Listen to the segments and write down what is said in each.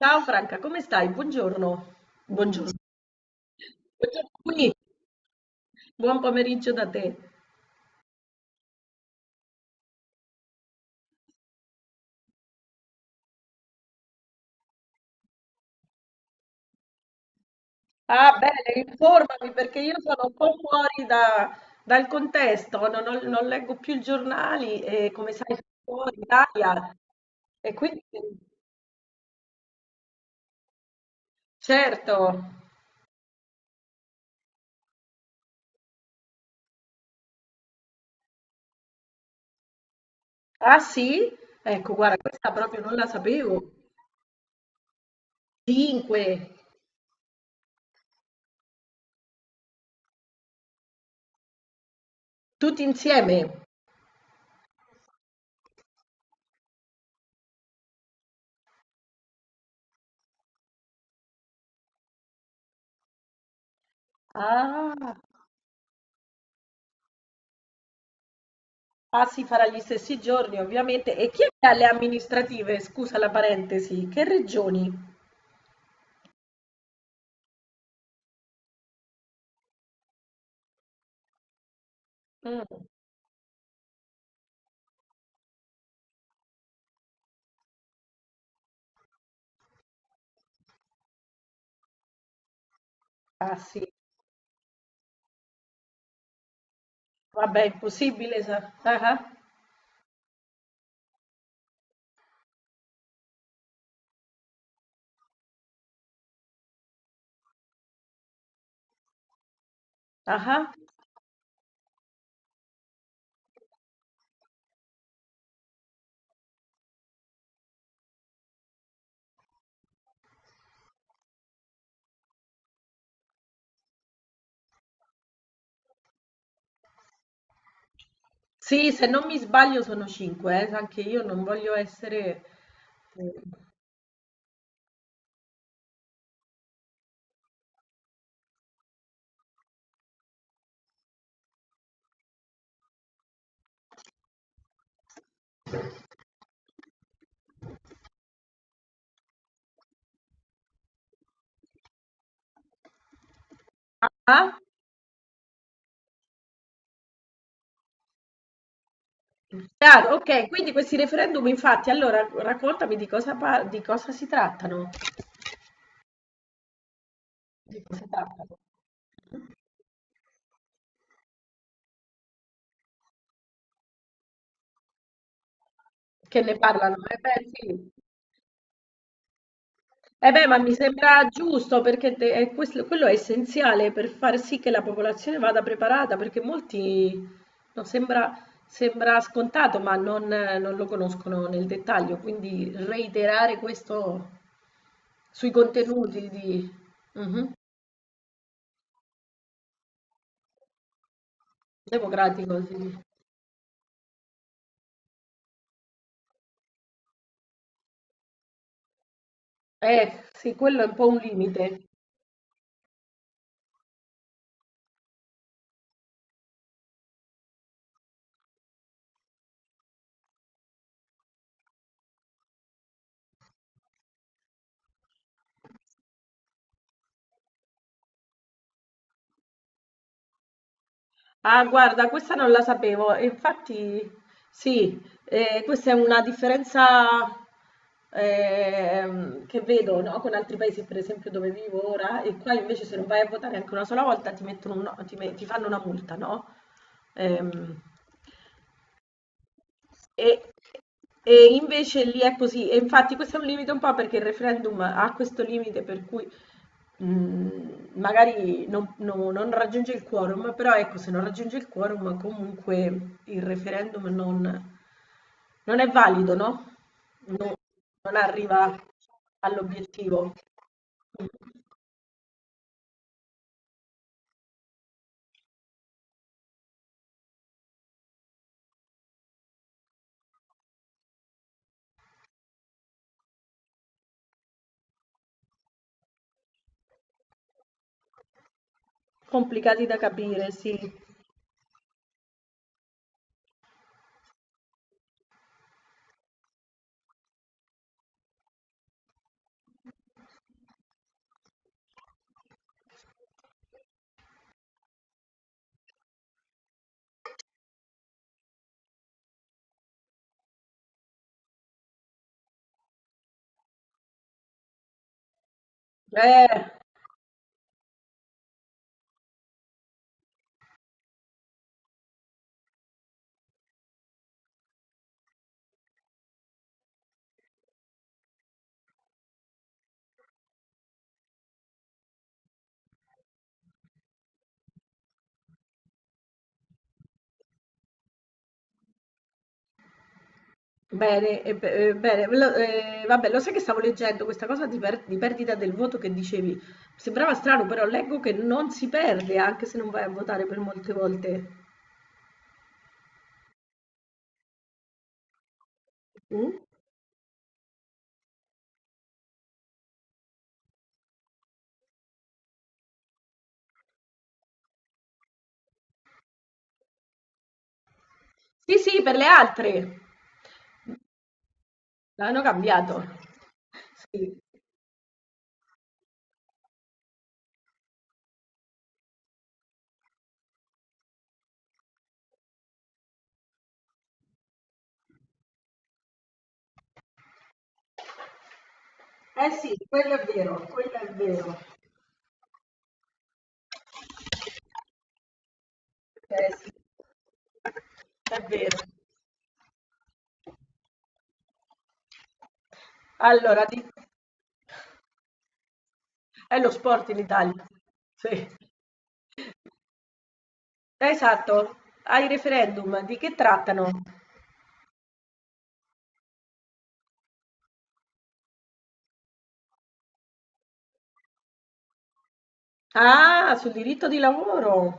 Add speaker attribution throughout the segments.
Speaker 1: Ciao Franca, come stai? Buongiorno. Buongiorno. Buongiorno qui. Buon pomeriggio da te. Ah, bene, informami perché io sono un po' fuori dal contesto, non leggo più i giornali e come sai sono fuori in Italia. E quindi, certo. Ah sì? Ecco, guarda, questa proprio non la sapevo. Cinque, tutti insieme. Ah. Ah, si farà gli stessi giorni, ovviamente. E chi è che ha le amministrative? Scusa la parentesi. Che regioni? Mm, Ah, sì. Vabbè, è impossibile. Ah, ah, ah. Ah. Sì, se non mi sbaglio sono cinque. Anche io non voglio essere. Ah, ah. Chiaro, ok, quindi questi referendum, infatti, allora raccontami di cosa si trattano. Di cosa trattano. Che ne parlano? Beh, sì. Eh beh, ma mi sembra giusto perché quello è essenziale per far sì che la popolazione vada preparata, perché molti no, sembra scontato, ma non lo conoscono nel dettaglio, quindi reiterare questo sui contenuti di. Mhm. Democratico, sì. Sì, quello è un po' un limite. Ah, guarda, questa non la sapevo. E infatti, sì, questa è una differenza che vedo, no, con altri paesi, per esempio, dove vivo ora, e qua invece se non vai a votare anche una sola volta ti mettono no, ti fanno una multa, no? Ehm, e, e invece lì è così. E infatti questo è un limite un po' perché il referendum ha questo limite per cui magari non raggiunge il quorum, però ecco, se non raggiunge il quorum comunque il referendum non è valido, no? Non, non arriva all'obiettivo. Complicati da capire, sì. Eh, bene. Vabbè, lo sai che stavo leggendo questa cosa di perdita del voto che dicevi. Sembrava strano, però leggo che non si perde anche se non vai a votare per molte volte. Mm? Sì, sì, per le altre. L'hanno cambiato. Sì. Eh sì, quello è vero, quello è vero. Eh sì, è vero. Allora, è lo sport in Italia. Sì. Esatto. Ai referendum di che trattano? Ah, sul diritto di lavoro.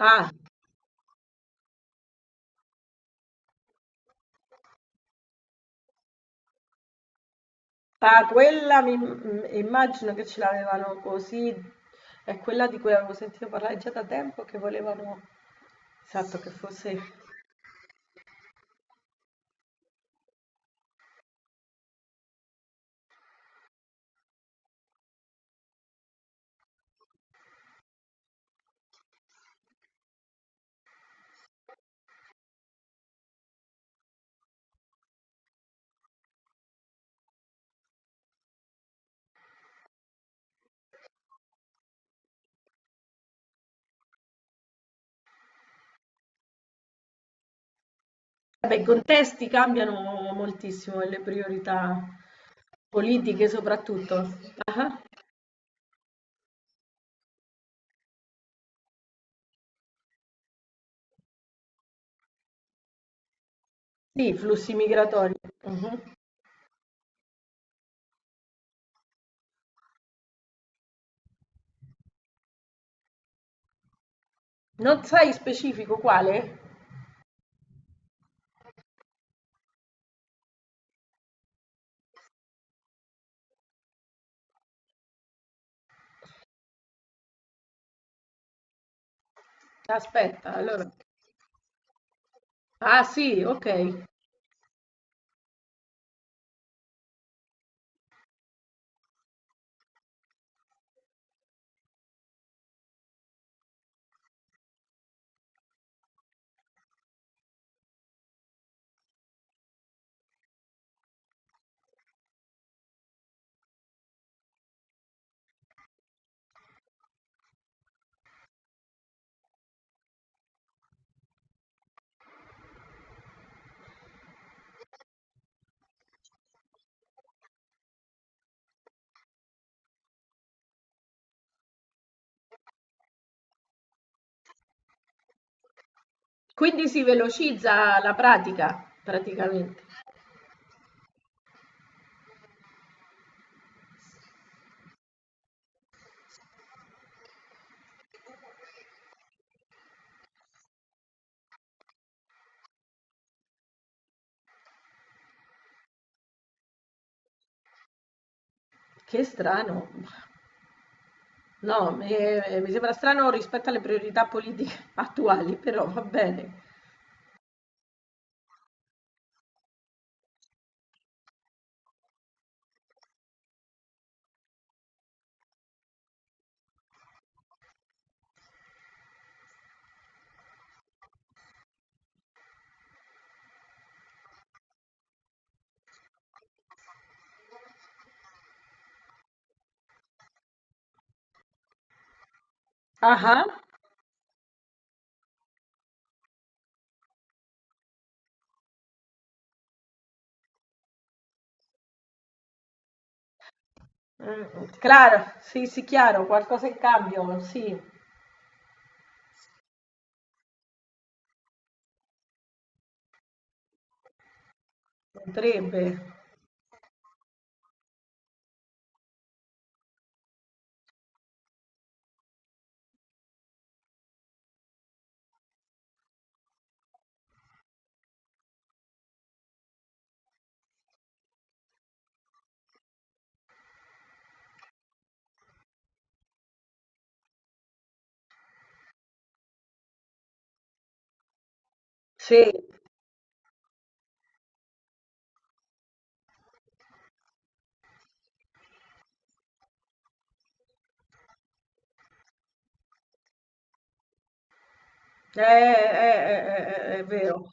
Speaker 1: Ah, ah, quella immagino che ce l'avevano così. È quella di cui avevo sentito parlare già da tempo che volevano, esatto, che fosse. Vabbè, i contesti cambiano moltissimo e le priorità politiche soprattutto. Ah, sì, flussi migratori. Mhm. Non sai specifico quale? Aspetta, allora. Ah sì, ok. Quindi si velocizza la pratica, praticamente. Che strano. No, mi sembra strano rispetto alle priorità politiche attuali, però va bene. Ah, ah. Mm. Claro, sì, sì, chiaro, qualcosa in cambio, sì, potrebbe. Sì, è vero.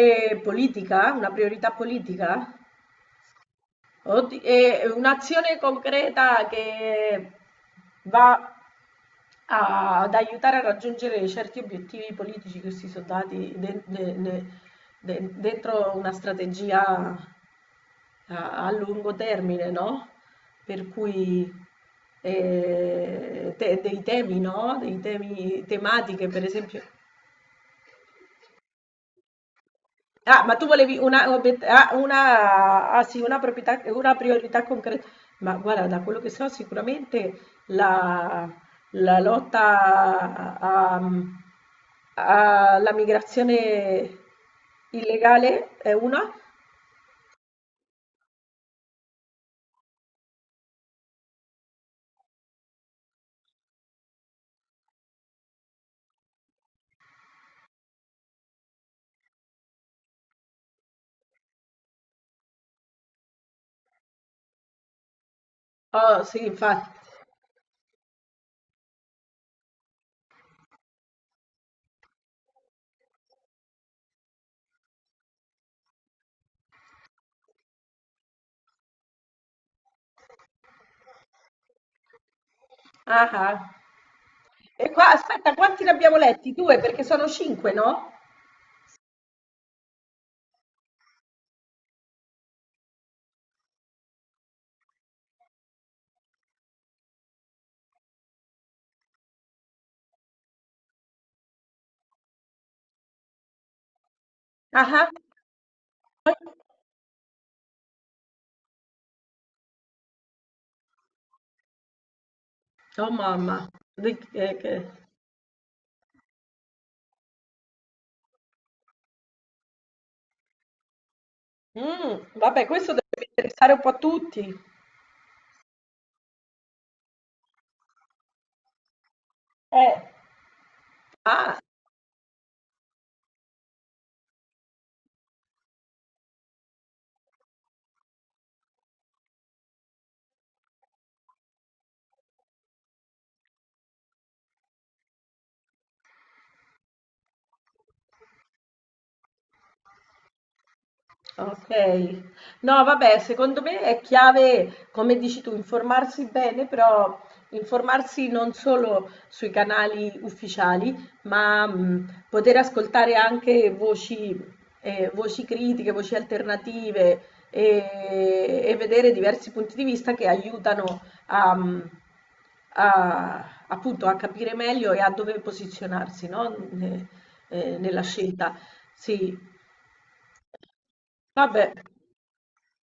Speaker 1: E politica? Una priorità politica? E un'azione concreta che va ad aiutare a raggiungere certi obiettivi politici che si sono dati dentro una strategia a lungo termine, no? Per cui dei temi, no? Dei temi tematiche, per esempio. Ah, ma tu volevi una, obiet- ah, una- ah, sì, una priorità concreta. Ma guarda, da quello che so, sicuramente la, la lotta alla migrazione illegale è una. Oh, sì, infatti. Ah, ah. E qua, aspetta, quanti ne abbiamo letti? Due, perché sono cinque, no? Ah, ah. Oh, mamma. Di- eh, che- vabbè, questo deve interessare un po' a tutti. Eh. Ah. Ok, no, vabbè, secondo me è chiave, come dici tu, informarsi bene, però informarsi non solo sui canali ufficiali, ma poter ascoltare anche voci, voci critiche, voci alternative e vedere diversi punti di vista che aiutano a, mh, appunto, a capire meglio e a dove posizionarsi, no? Nella scelta. Sì, vabbè,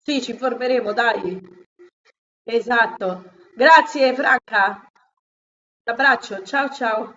Speaker 1: sì, ci informeremo, dai. Esatto. Grazie Franca. L'abbraccio. Ciao ciao.